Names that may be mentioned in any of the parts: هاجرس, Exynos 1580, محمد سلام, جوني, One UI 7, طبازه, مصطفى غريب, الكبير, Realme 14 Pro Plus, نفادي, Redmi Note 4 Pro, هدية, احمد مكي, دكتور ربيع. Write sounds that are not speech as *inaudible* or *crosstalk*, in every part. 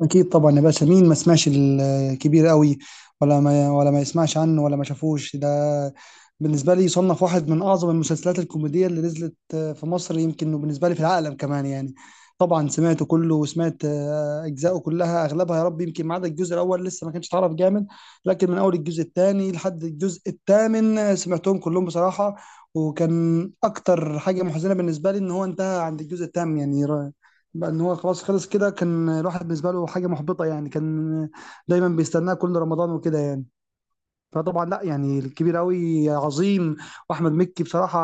اكيد طبعا يا باشا، مين ما سمعش الكبير قوي ولا ما يسمعش عنه ولا ما شافوش ده. بالنسبه لي، يصنف واحد من اعظم المسلسلات الكوميديه اللي نزلت في مصر يمكن، وبالنسبه لي في العالم كمان يعني. طبعا سمعته كله وسمعت اجزائه كلها اغلبها يا رب، يمكن ما عدا الجزء الاول لسه ما كانش اتعرف جامد. لكن من اول الجزء الثاني لحد الجزء الثامن سمعتهم كلهم بصراحه. وكان اكتر حاجه محزنه بالنسبه لي ان هو انتهى عند الجزء الثامن يعني. بقى ان هو خلاص خلص كده، كان الواحد بالنسبه له حاجه محبطه يعني، كان دايما بيستناه كل رمضان وكده يعني. فطبعا لا يعني، الكبير قوي عظيم، واحمد مكي بصراحه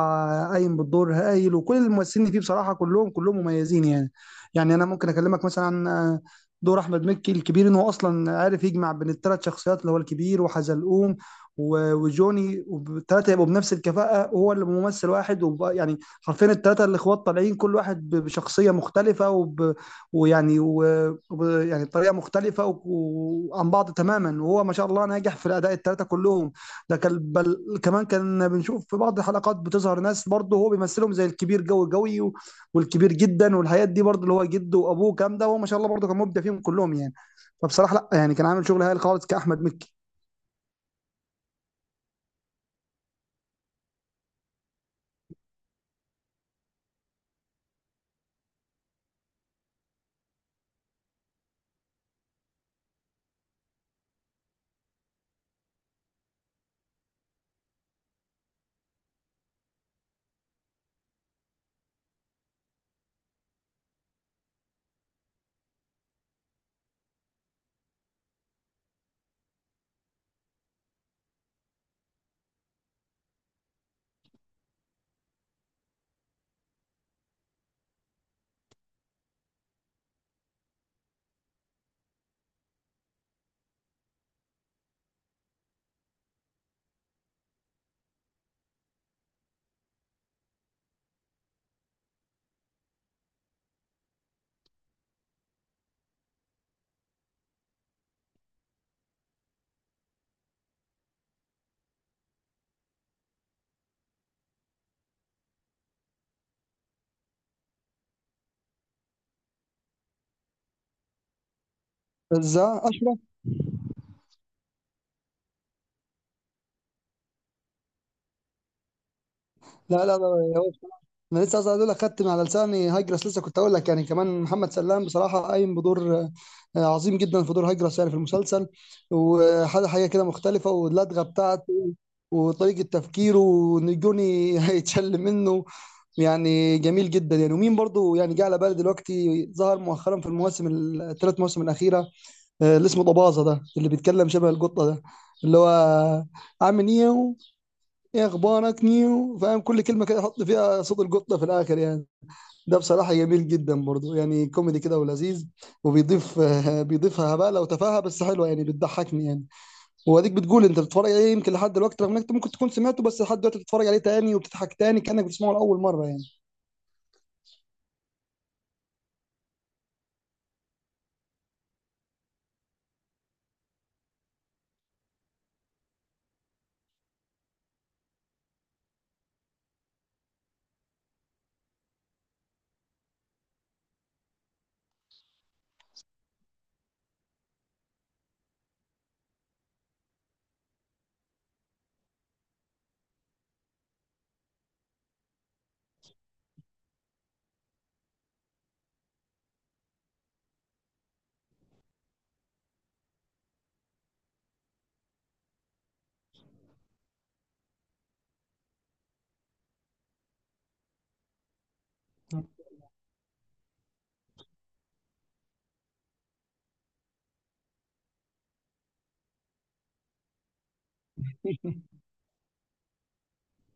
قايم بالدور هايل، وكل الممثلين اللي فيه بصراحه كلهم كلهم مميزين يعني. يعني انا ممكن اكلمك مثلا عن دور احمد مكي الكبير، ان هو اصلا عارف يجمع بين الثلاث شخصيات اللي هو الكبير وحزلقوم وجوني، والثلاثه يبقوا بنفس الكفاءه، هو اللي ممثل واحد يعني حرفيا الثلاثه الاخوات طالعين، كل واحد بشخصيه مختلفه وب ويعني و... و- يعني طريقه مختلفه وعن بعض تماما، وهو ما شاء الله ناجح في الاداء الثلاثه كلهم. ده كان كمان كان بنشوف في بعض الحلقات بتظهر ناس برضه هو بيمثلهم، زي الكبير جوي جوي والكبير جدا، والحاجات دي برضه اللي هو جده وابوه كام ده، وهو ما شاء الله برضه كان مبدع فيهم كلهم يعني. فبصراحه لا يعني، كان عامل شغل هايل خالص كاحمد مكي. ازاي اشرف؟ لا لا لا لا، هو بصراحة انا لسه عايز اقول لك، خدت من على لساني هاجرس، لسه كنت اقول لك يعني، كمان محمد سلام بصراحه قايم بدور عظيم جدا في دور هاجرس يعني في المسلسل. وحاجه حاجه كده مختلفه، واللدغه بتاعته وطريقه تفكيره، وان جوني *laughs* هيتشل منه يعني. جميل جدا يعني، ومين برضو يعني جه على بالي دلوقتي، ظهر مؤخرا في المواسم الثلاث مواسم الاخيره، اللي اسمه طبازه ده، اللي بيتكلم شبه القطه ده، اللي هو عامل ايه، ايه اخبارك نيو، فاهم كل كلمه كده يحط فيها صوت القطه في الاخر يعني. ده بصراحه جميل جدا برضو يعني، كوميدي كده ولذيذ، وبيضيف *laughs* بيضيفها هبالة وتفاهه، بس حلوه يعني بتضحكني يعني. واديك بتقول انت بتتفرج عليه يمكن لحد دلوقتي، رغم انك أنت ممكن تكون سمعته، بس لحد دلوقتي بتتفرج عليه تاني وبتضحك تاني كانك بتسمعه لاول مره يعني.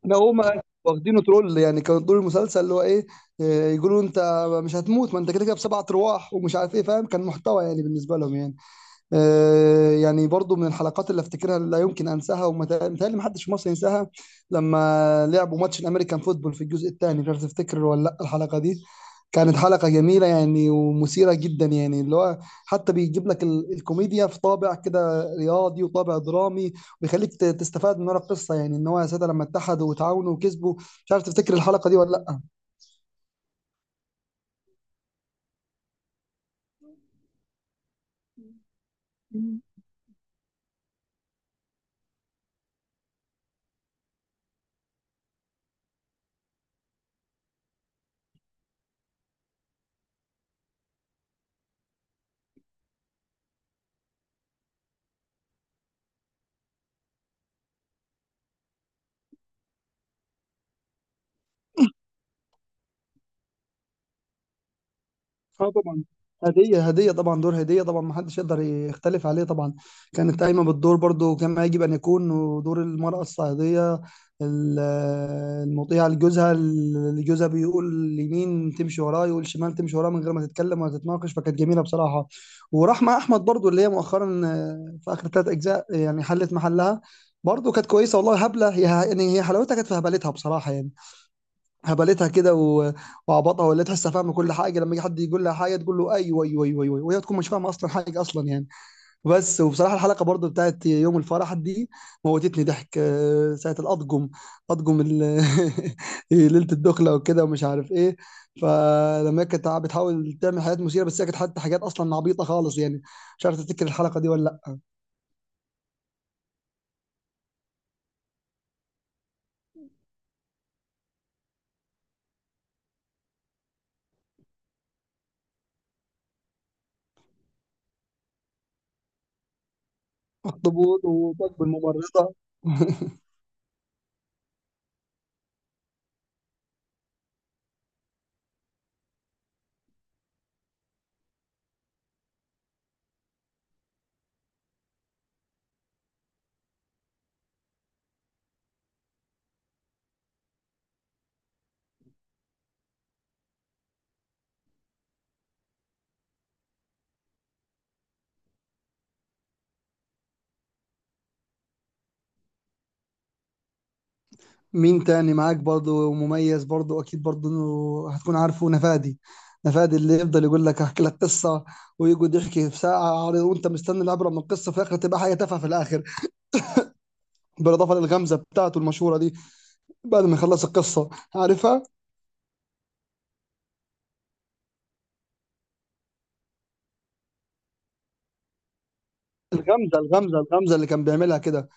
ده هما واخدينه ترول يعني، كانوا طول المسلسل اللي هو ايه، يقولوا انت مش هتموت، ما انت كده كده بسبعة ارواح ومش عارف ايه، فاهم كان محتوى يعني بالنسبه لهم يعني. يعني برضو من الحلقات اللي افتكرها اللي لا يمكن انساها، ومتهيألي محدش في مصر ينساها، لما لعبوا ماتش الامريكان فوتبول في الجزء الثاني، مش عارف تفتكر ولا لا الحلقه دي. كانت حلقه جميله يعني ومثيره جدا يعني، اللي هو حتى بيجيب لك الكوميديا في طابع كده رياضي وطابع درامي، ويخليك تستفاد من ورا القصه يعني، ان هو يا ساده لما اتحدوا وتعاونوا وكسبوا. مش عارف تفتكر الحلقه دي ولا لا. اه طبعا. هدية طبعا، دور هدية طبعا، ما حدش يقدر يختلف عليه طبعا، كانت قايمة بالدور برضو كما يجب أن يكون، ودور المرأة الصعيدية ال- المطيعة لجوزها، اللي جوزها بيقول يمين تمشي وراه، يقول شمال تمشي وراه، من غير ما تتكلم ولا تتناقش، فكانت جميلة بصراحة. ورحمة أحمد برضو اللي هي مؤخرا في آخر ثلاث أجزاء يعني حلت محلها، برضو كانت كويسة والله، هبلة هي يعني، هي حلاوتها كانت في هبلتها بصراحة يعني. هبلتها كده وعبطها، ولا تحسها فاهمه كل حاجه، لما يجي حد يقول لها حاجه تقول له ايوه ايوه ايوه ايوه أيوة، وهي تكون مش فاهمه اصلا حاجه اصلا يعني. بس وبصراحه الحلقه برضو بتاعت يوم الفرح دي موتتني ضحك، ساعه الاطقم، اطقم ال- *laughs* ليله الدخله وكده ومش عارف ايه. فلما هي كانت بتحاول تعمل حاجات مثيره، بس هي كانت حتى حاجات اصلا عبيطه خالص يعني. مش عارف تفتكر الحلقه دي ولا لا. اخطبوط وطق الممرضه *laughs* مين تاني معاك برضو مميز؟ برضو اكيد برضو انه هتكون عارفه، نفادي، نفادي اللي يفضل يقول لك احكي لك قصه، ويقعد يحكي في ساعه عريضة، وانت مستني العبره من القصه، في الاخر تبقى حاجه تافهه في الاخر، بالاضافه للغمزه بتاعته المشهوره دي بعد ما يخلص القصه، عارفها؟ الغمزه الغمزه الغمزه اللي كان بيعملها كده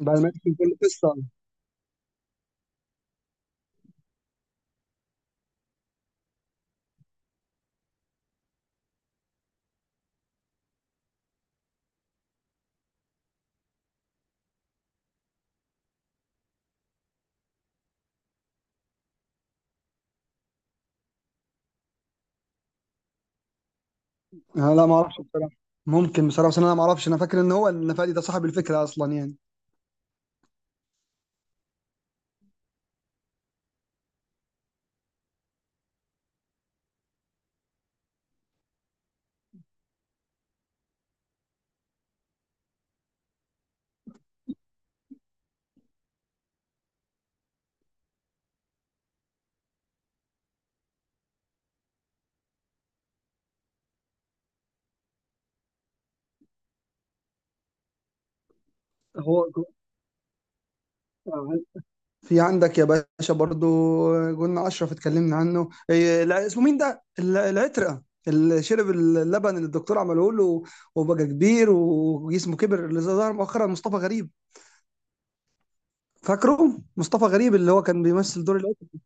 بعد ما يحكي كل قصه. أنا لا ما اعرفش بصراحه، ممكن بصراحه، بس انا ما اعرفش، انا فاكر ان هو نفادي ده صاحب الفكره اصلا يعني. هو في عندك يا باشا برضو، قلنا اشرف اتكلمنا عنه، إيه، لا، اسمه مين ده العترقه، اللي شرب اللبن اللي الدكتور عمله له وبقى كبير وجسمه كبر، اللي ظهر مؤخرا، مصطفى غريب، فاكره مصطفى غريب اللي هو كان بيمثل دور العترقه.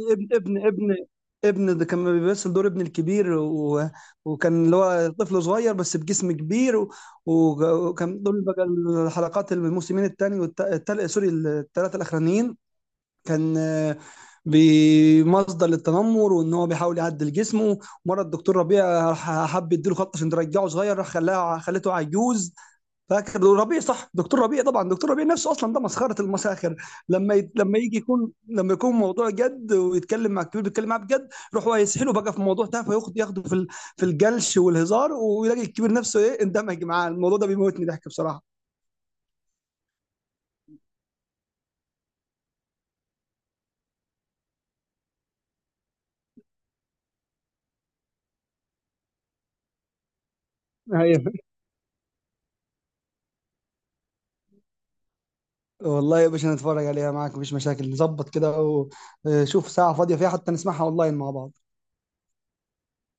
ابن ابن ابن ابن ده كان بيمثل دور ابن الكبير وكان اللي هو طفل صغير بس بجسم كبير وكان دول بقى الحلقات الموسمين الثاني والثالث، سوري، الثلاثه الاخرانيين. كان بمصدر للتنمر، وان هو بيحاول يعدل جسمه، مره الدكتور ربيع راح حب يديله خط عشان ترجعه صغير، راح خلاها خلته عجوز. فاكر دكتور ربيع؟ صح، دكتور ربيع طبعا، دكتور ربيع نفسه اصلا ده مسخره المساخر. لما يت... لما يجي يكون لما يكون موضوع جد ويتكلم مع الكبير بيتكلم معاه بجد، يروح هو يسحله بقى في موضوع تافه، ياخده في في الجلش والهزار، ويلاقي الكبير نفسه ايه اندمج معاه الموضوع ده، بيموتني ضحك بصراحه. هي والله يا باشا نتفرج عليها معاك مفيش مشاكل، نظبط كده وشوف ساعة فاضية فيها، حتى نسمعها اونلاين مع بعض.